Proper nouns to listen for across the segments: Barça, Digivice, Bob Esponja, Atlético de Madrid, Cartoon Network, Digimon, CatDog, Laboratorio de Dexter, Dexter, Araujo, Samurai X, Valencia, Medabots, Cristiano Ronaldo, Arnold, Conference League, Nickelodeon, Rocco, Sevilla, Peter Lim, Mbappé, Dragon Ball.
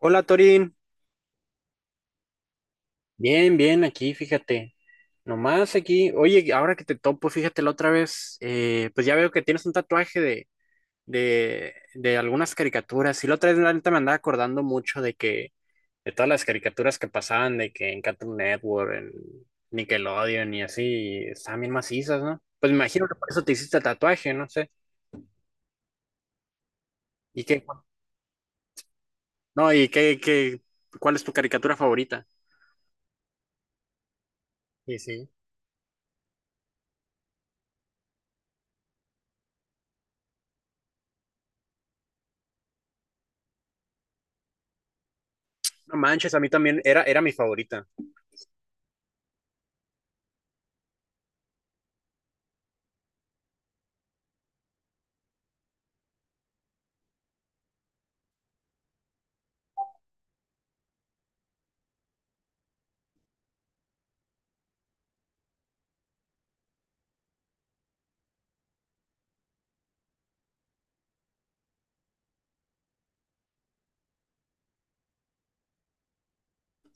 Hola Torín, bien, bien, aquí, fíjate, nomás aquí, oye, ahora que te topo, fíjate la otra vez, pues ya veo que tienes un tatuaje de algunas caricaturas, y la otra vez la neta me andaba acordando mucho de que, de todas las caricaturas que pasaban, de que en Cartoon Network, en Nickelodeon y así, y estaban bien macizas, ¿no? Pues me imagino que por eso te hiciste el tatuaje, no sé, y qué, no, y qué, ¿cuál es tu caricatura favorita? Sí, sí. No manches, a mí también era mi favorita.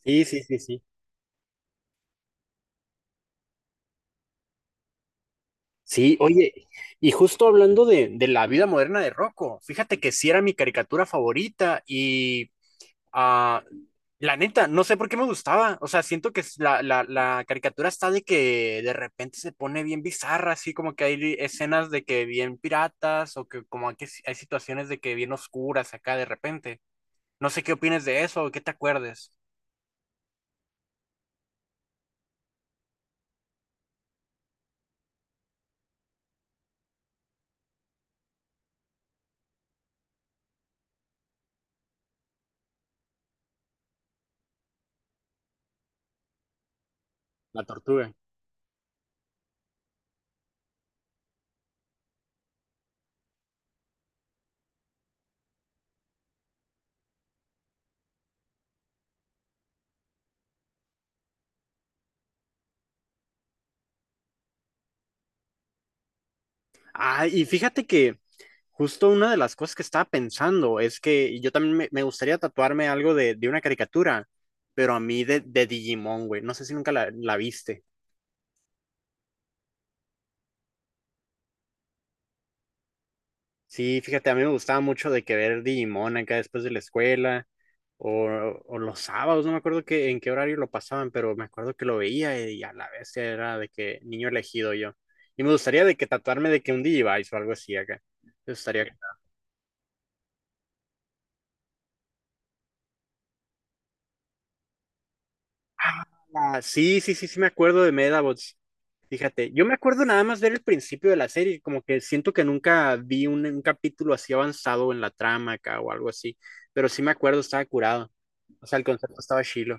Sí, sí, sí, sí. Sí, oye, y justo hablando de la vida moderna de Rocco, fíjate que sí era mi caricatura favorita y ah, la neta, no sé por qué me gustaba, o sea, siento que es la caricatura está de que de repente se pone bien bizarra, así como que hay escenas de que bien piratas o que como que hay situaciones de que bien oscuras acá de repente. No sé qué opines de eso o qué te acuerdes. La tortuga. Ah, y fíjate que justo una de las cosas que estaba pensando es que yo también me gustaría tatuarme algo de una caricatura, pero a mí de Digimon, güey. No sé si nunca la viste. Sí, fíjate, a mí me gustaba mucho de que ver Digimon acá después de la escuela o, o los sábados, no me acuerdo que, en qué horario lo pasaban, pero me acuerdo que lo veía y a la vez era de que niño elegido yo. Y me gustaría de que tatuarme de que un Digivice o algo así acá. Me gustaría. Ah, sí, sí, sí, sí me acuerdo de Medabots. Fíjate, yo me acuerdo nada más ver el principio de la serie, como que siento que nunca vi un capítulo así avanzado en la trama acá o algo así, pero sí me acuerdo, estaba curado. O sea, el concepto estaba chilo.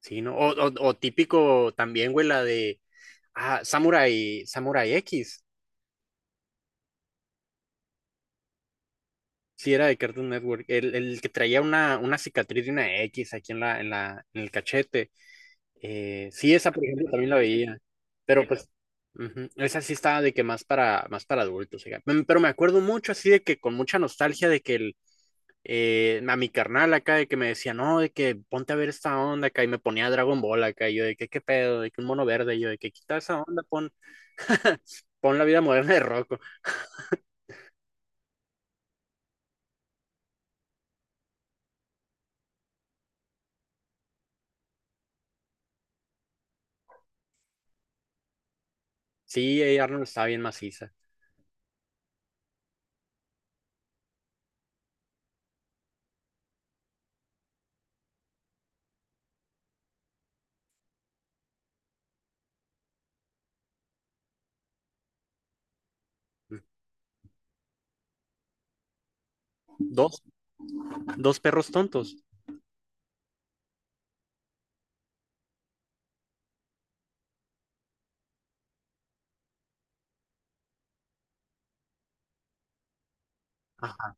Sí, ¿no? O típico también, güey, la de ah, Samurai X. Sí, era de Cartoon Network. El que traía una cicatriz de una X aquí en la, en la, en el cachete. Sí, esa, por ejemplo, también la veía. Pero pues, ujú, esa sí estaba de que más para, más para adultos, oiga. Pero me acuerdo mucho así de que con mucha nostalgia de que el, a mi carnal acá de que me decía, no, de que ponte a ver esta onda acá y me ponía Dragon Ball acá. Y yo de que, ¿qué pedo? De que un mono verde. Y yo de que quita esa onda, pon, pon la vida moderna de Rocco. Sí, Arnold estaba bien maciza. Dos, dos perros tontos. Ajá.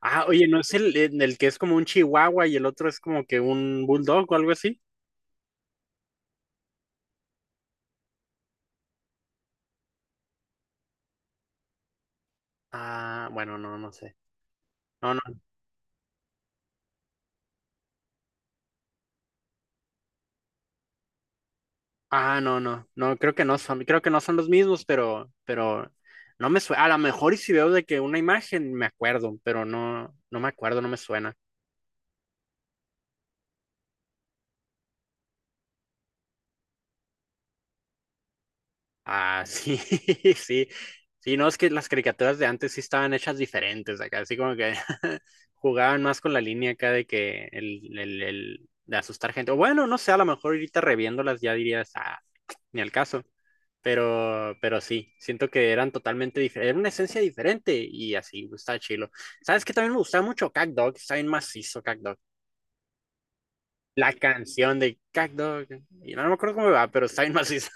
Ah, oye, ¿no es el, el que es como un chihuahua y el otro es como que un bulldog o algo así? Ah, bueno, no, no sé. No, no. Ah, no, no. No, creo que no son, creo que no son los mismos, pero no me suena. A lo mejor y si veo de que una imagen me acuerdo, pero no, no me acuerdo, no me suena. Ah, sí, sí. Sí, no, es que las caricaturas de antes sí estaban hechas diferentes acá, así como que jugaban más con la línea acá de que el, el de asustar gente. O bueno, no sé, a lo mejor ahorita reviéndolas ya dirías, ah, ni al caso. Pero sí, siento que eran totalmente diferentes, era una esencia diferente y así, está chilo. ¿Sabes qué también me gustaba mucho? CatDog, está bien macizo CatDog. La canción de CatDog, y no, no me acuerdo cómo va, pero está bien macizo.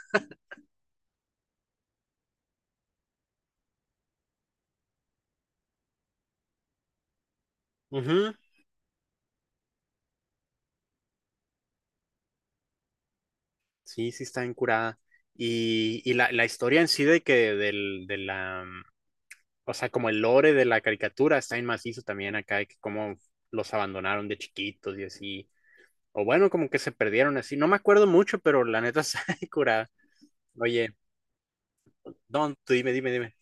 Ujú. Sí, sí, está bien curada. Y la historia en sí de que del, de la, mm, o sea, como el lore de la caricatura está bien macizo también acá, de que cómo los abandonaron de chiquitos y así. O bueno, como que se perdieron así. No me acuerdo mucho, pero la neta está bien curada. Oye. No, tú dime, dime, dime.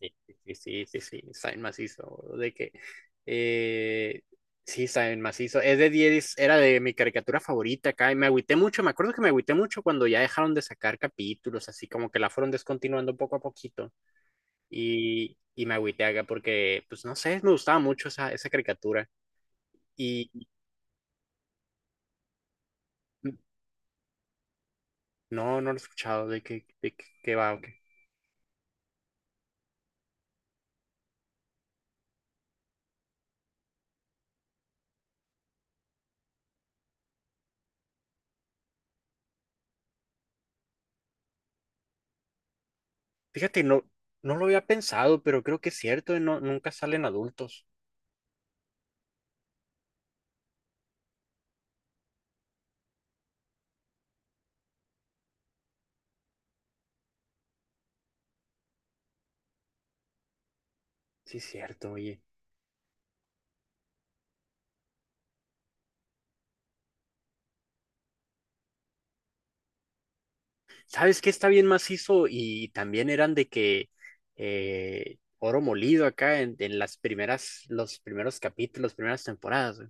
Sí, sí, sí, sí, sí, saben macizo, boludo, de que, eh, sí, saben macizo, es de 10, era de mi caricatura favorita acá, y me agüité mucho, me acuerdo que me agüité mucho cuando ya dejaron de sacar capítulos, así como que la fueron descontinuando poco a poquito, y me agüité acá porque, pues, no sé, me gustaba mucho esa caricatura, y no, no lo he escuchado, de que va, ok. Fíjate, no, no lo había pensado, pero creo que es cierto, no, nunca salen adultos, sí, es cierto, oye. ¿Sabes qué está bien macizo? Y también eran de que oro molido acá en las primeras, los primeros capítulos, primeras temporadas, güey.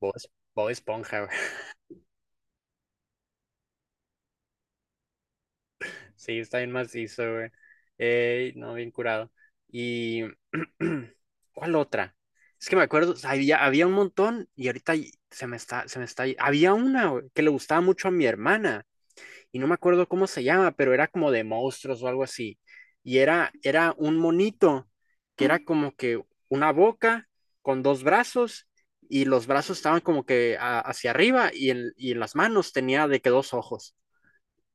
Bob Esponja, güey. Sí, está bien macizo, güey. No, bien curado. Y ¿cuál otra? Es que me acuerdo, o sea, había un montón y ahorita y- se me está. Había una, güey, que le gustaba mucho a mi hermana y no me acuerdo cómo se llama, pero era como de monstruos o algo así. Y era un monito que era como que una boca con dos brazos y los brazos estaban como que a- hacia arriba y en las manos tenía de que dos ojos.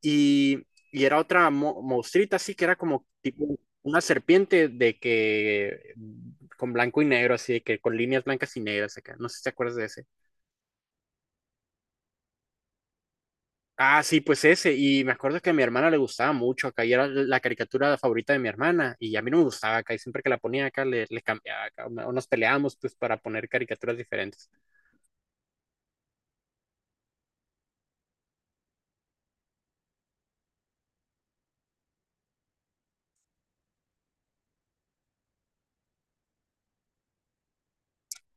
Y, y era otra mo- monstruita así que era como tipo una serpiente de que mm, con blanco y negro, así de que con líneas blancas y negras acá. No sé si te acuerdas de ese. Ah, sí, pues ese. Y me acuerdo que a mi hermana le gustaba mucho acá y era la caricatura favorita de mi hermana. Y a mí no me gustaba acá y siempre que la ponía acá le, le cambiaba acá, o nos peleábamos pues para poner caricaturas diferentes.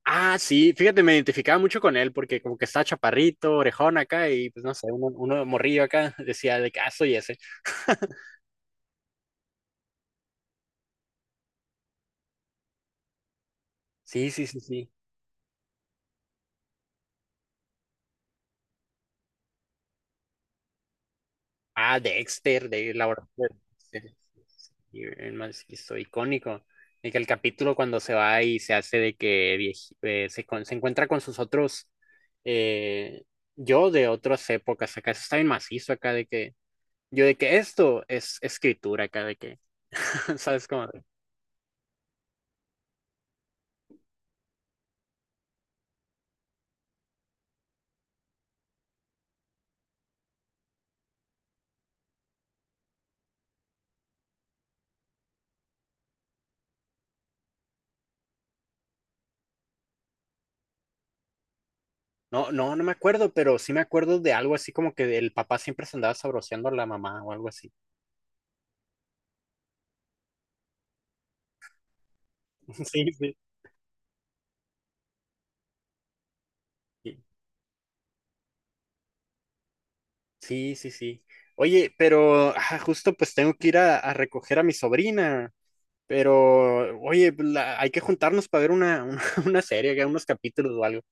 Ah, sí, fíjate, me identificaba mucho con él porque como que estaba chaparrito, orejón acá y pues no sé, uno, uno morrillo acá decía de que, "Ah, soy ese". Sí, sí, sí, sí. Ah, Dexter, de Laboratorio de Dexter. Y el más hizo icónico. De que el capítulo cuando se va y se hace de que vieji- se, con- se encuentra con sus otros eh, yo de otras épocas acá. Eso está bien macizo acá de que yo de que esto es escritura acá de que, ¿sabes cómo? No, no, no me acuerdo, pero sí me acuerdo de algo así como que el papá siempre se andaba sabroseando a la mamá o algo así. Sí, sí. Sí, sí, sí. Oye, pero ah, justo pues tengo que ir a recoger a mi sobrina. Pero, oye, pues, la- hay que juntarnos para ver una serie, que unos capítulos o algo.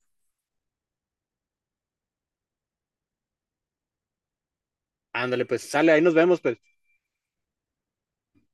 Ándale, pues sale, ahí nos vemos, pues.